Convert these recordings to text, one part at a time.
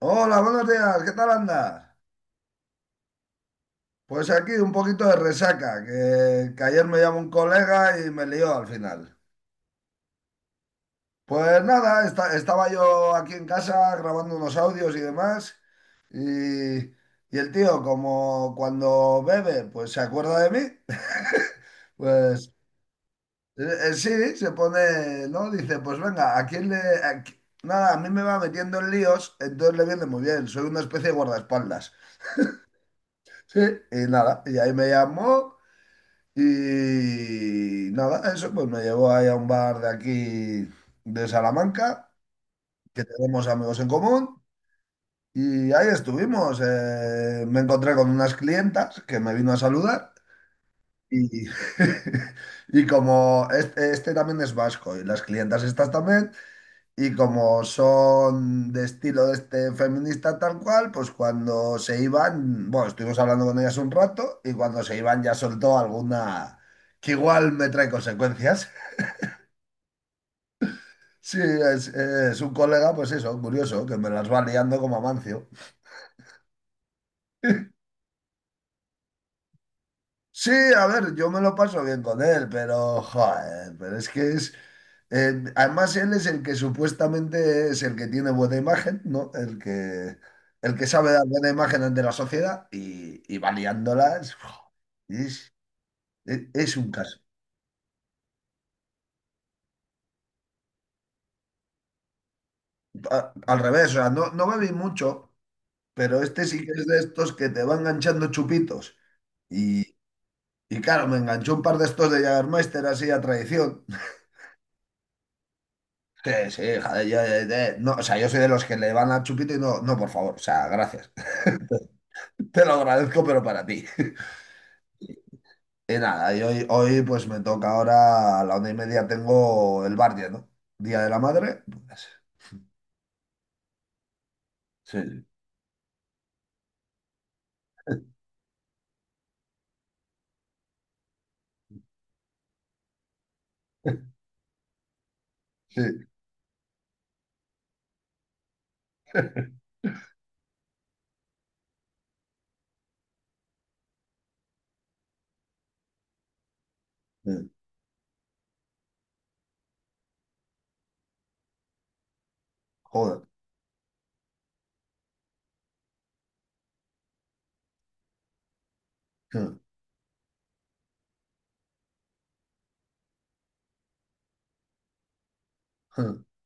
Hola, buenos días, ¿qué tal andas? Pues aquí un poquito de resaca, que ayer me llamó un colega y me lió al final. Pues nada, estaba yo aquí en casa grabando unos audios y demás, y, y el tío, como cuando bebe, pues se acuerda de mí, pues eh, sí, se pone, ¿no? Dice, pues venga, ¿a quién le...? Nada, a mí me va metiendo en líos, entonces le viene muy bien, soy una especie de guardaespaldas. Sí, y nada, y ahí me llamó. Y nada, eso pues me llevó ahí a un bar de aquí, de Salamanca, que tenemos amigos en común. Y ahí estuvimos. Me encontré con unas clientas que me vino a saludar. Y, y como este también es vasco y las clientas estas también, y como son de estilo de este feminista tal cual, pues cuando se iban, bueno, estuvimos hablando con ellas un rato y cuando se iban ya soltó alguna que igual me trae consecuencias. Sí, es un colega, pues eso, curioso, que me las va liando como Amancio. Sí, a ver, yo me lo paso bien con él, pero, joder, pero es que es, además, él es el que supuestamente es el que tiene buena imagen, ¿no? El que sabe dar buena imagen ante la sociedad y va liándola. Es un caso. Al revés, o sea, no, no bebí mucho, pero este sí que es de estos que te va enganchando chupitos. Y, y claro, me enganchó un par de estos de Jägermeister así a tradición. Sí, sí, joder, yo no, o sea, yo soy de los que le van a chupito y no, no, por favor, o sea, gracias. Te lo agradezco, pero para ti. Y nada, y hoy, pues me toca ahora, a la 1:30 tengo el bar, ¿no? Día de la Madre, pues, sí, sí, sí, joder.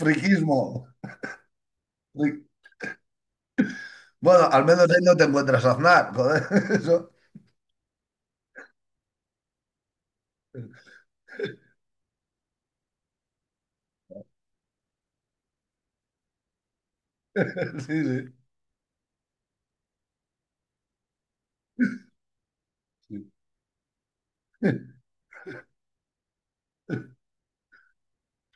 Friquismo. Fri- Bueno, al menos ahí no te encuentras a Aznar, joder, eso. Sí, sí. Sí.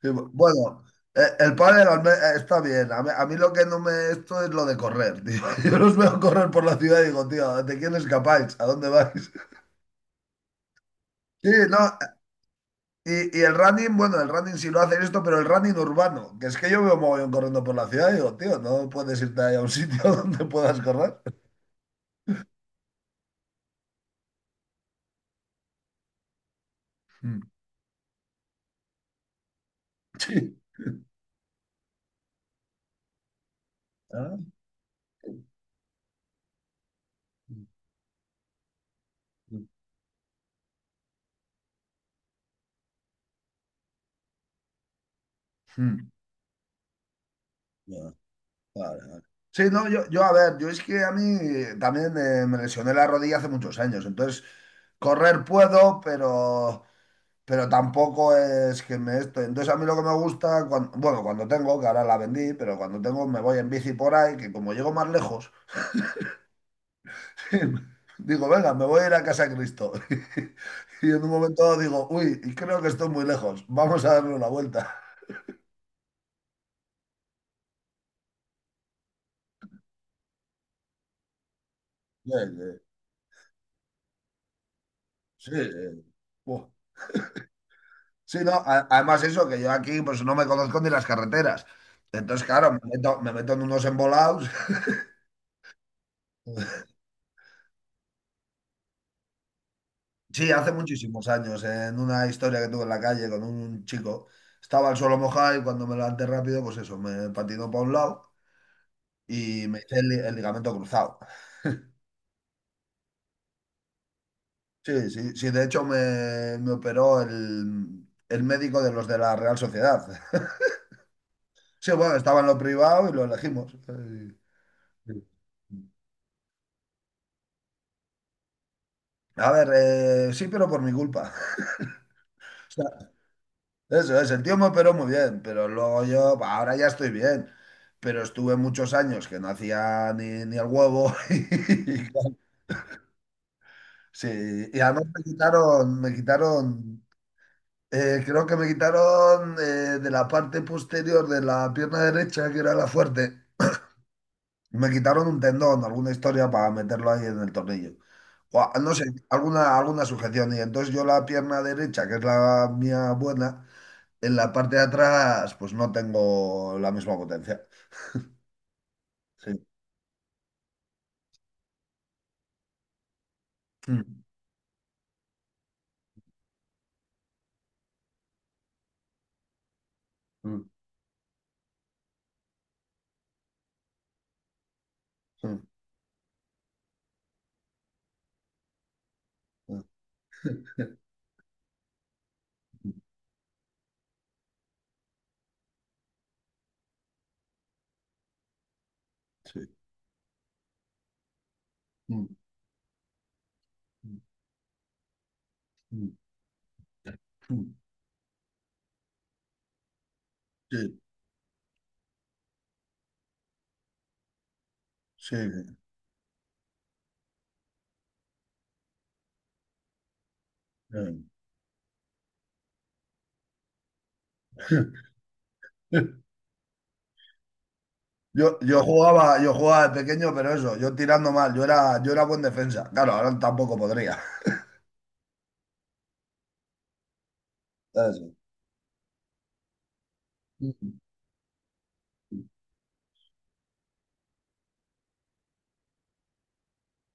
Sí, Bueno, el pádel está bien. A mí lo que no me esto es lo de correr, tío. Yo los veo correr por la ciudad y digo, tío, ¿de quién escapáis? ¿A dónde vais? Sí, no, y el running, bueno, el running sí lo hace esto, pero el running urbano, que es que yo veo mogollón corriendo por la ciudad y digo, tío, no puedes irte ahí a un sitio donde puedas correr. Mm. Sí. Ah, mm. Mm. Ya, vale, vale. Sí, no, yo, a ver, yo es que a mí también me lesioné la rodilla hace muchos años, entonces correr puedo, pero tampoco es que me esto. Entonces a mí lo que me gusta, bueno, cuando tengo, que ahora la vendí, pero cuando tengo me voy en bici por ahí, que como llego más lejos. Digo, venga, me voy a ir a casa de Cristo. Y en un momento dado digo, uy, y creo que estoy muy lejos. Vamos a darle una vuelta. Sí, sí, sí, sí. Buah. Sí, no, además eso, que yo aquí pues no me conozco ni las carreteras. Entonces, claro, me meto en unos embolados. Sí, hace muchísimos años, en una historia que tuve en la calle con un chico, estaba el suelo mojado y cuando me levanté rápido, pues eso, me patinó para un lado y me hice el ligamento cruzado. Sí, sí, sí, de hecho me operó el médico de los de la Real Sociedad. Sí, bueno, estaba en lo privado y lo elegimos. A ver, sí, pero por mi culpa. O sea, eso es, el tío me operó muy bien, pero luego yo, bah, ahora ya estoy bien, pero estuve muchos años que no hacía ni el huevo. Y, claro, sí, y además creo que me quitaron de la parte posterior de la pierna derecha, que era la fuerte. Me quitaron un tendón, alguna historia para meterlo ahí en el tornillo. O, no sé, alguna sujeción. Y entonces yo la pierna derecha, que es la mía buena, en la parte de atrás, pues no tengo la misma potencia. Sí. Mm, mm, mm, mm. Sí. Mm, mm, mm. Mm. Sí, sí. Mm. Yo jugaba de pequeño, pero eso, yo tirando mal, yo era buen defensa. Claro, ahora tampoco podría. Eso. Sí,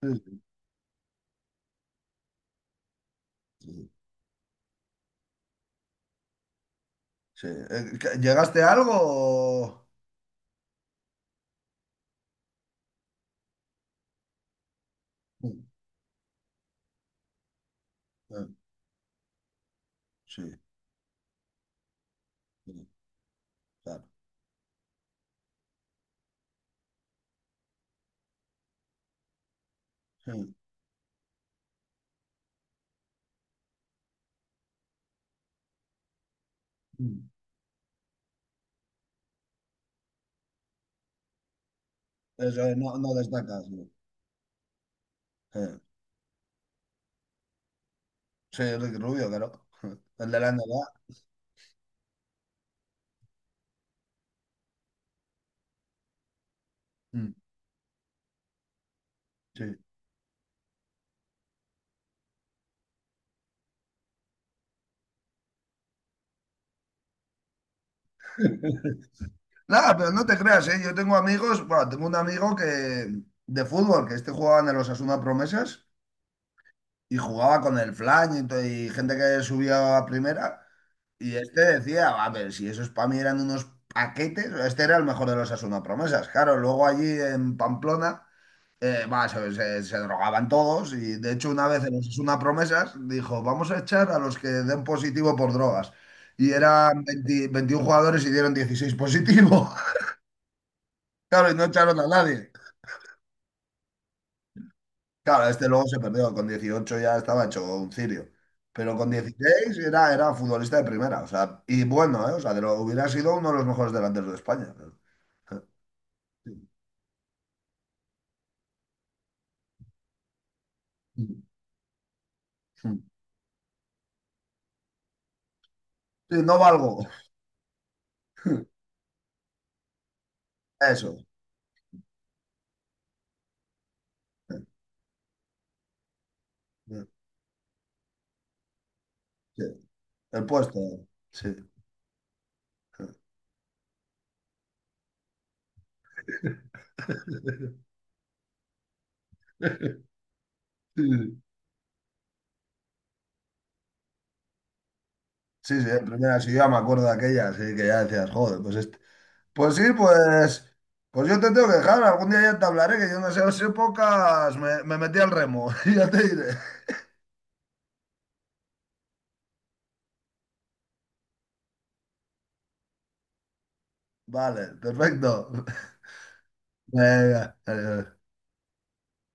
sí, sí. Sí. ¿Llegaste a algo? Sí, eh, sí, sí, claro. Sí. Mm. Eso es, no, no destacas. No. Eh, Sí, Ricky Rubio, claro. El de la NBA. Mm, sí. Nada, pero no te creas, ¿eh? Yo tengo amigos, bueno, tengo un amigo que de fútbol, que este jugaba en el Osasuna Promesas y jugaba con el Flan y gente que subía a primera. Y este decía, a ver, si esos para mí eran unos paquetes, este era el mejor de los Osasuna Promesas. Claro, luego allí en Pamplona. Va, se drogaban todos y de hecho una vez en los Osasuna Promesas dijo, vamos a echar a los que den positivo por drogas. Y eran 20 21 jugadores y dieron 16 positivo. Claro, y no echaron a nadie. Claro, este luego se perdió, con 18 ya estaba hecho un cirio. Pero con 16 era futbolista de primera, o sea, y bueno, ¿eh? O sea, hubiera sido uno de los mejores delanteros de España. Sí, no valgo. Eso. Sí, sí, el puesto. Sí. Sí, sí, sí, sí, en primera ciudad me acuerdo de aquella, así que ya decías, joder, pues este. Pues sí, pues yo te tengo que dejar, algún día ya te hablaré, que yo en esas épocas me metí al remo. Ya te diré. Vale, perfecto. Venga, adiós.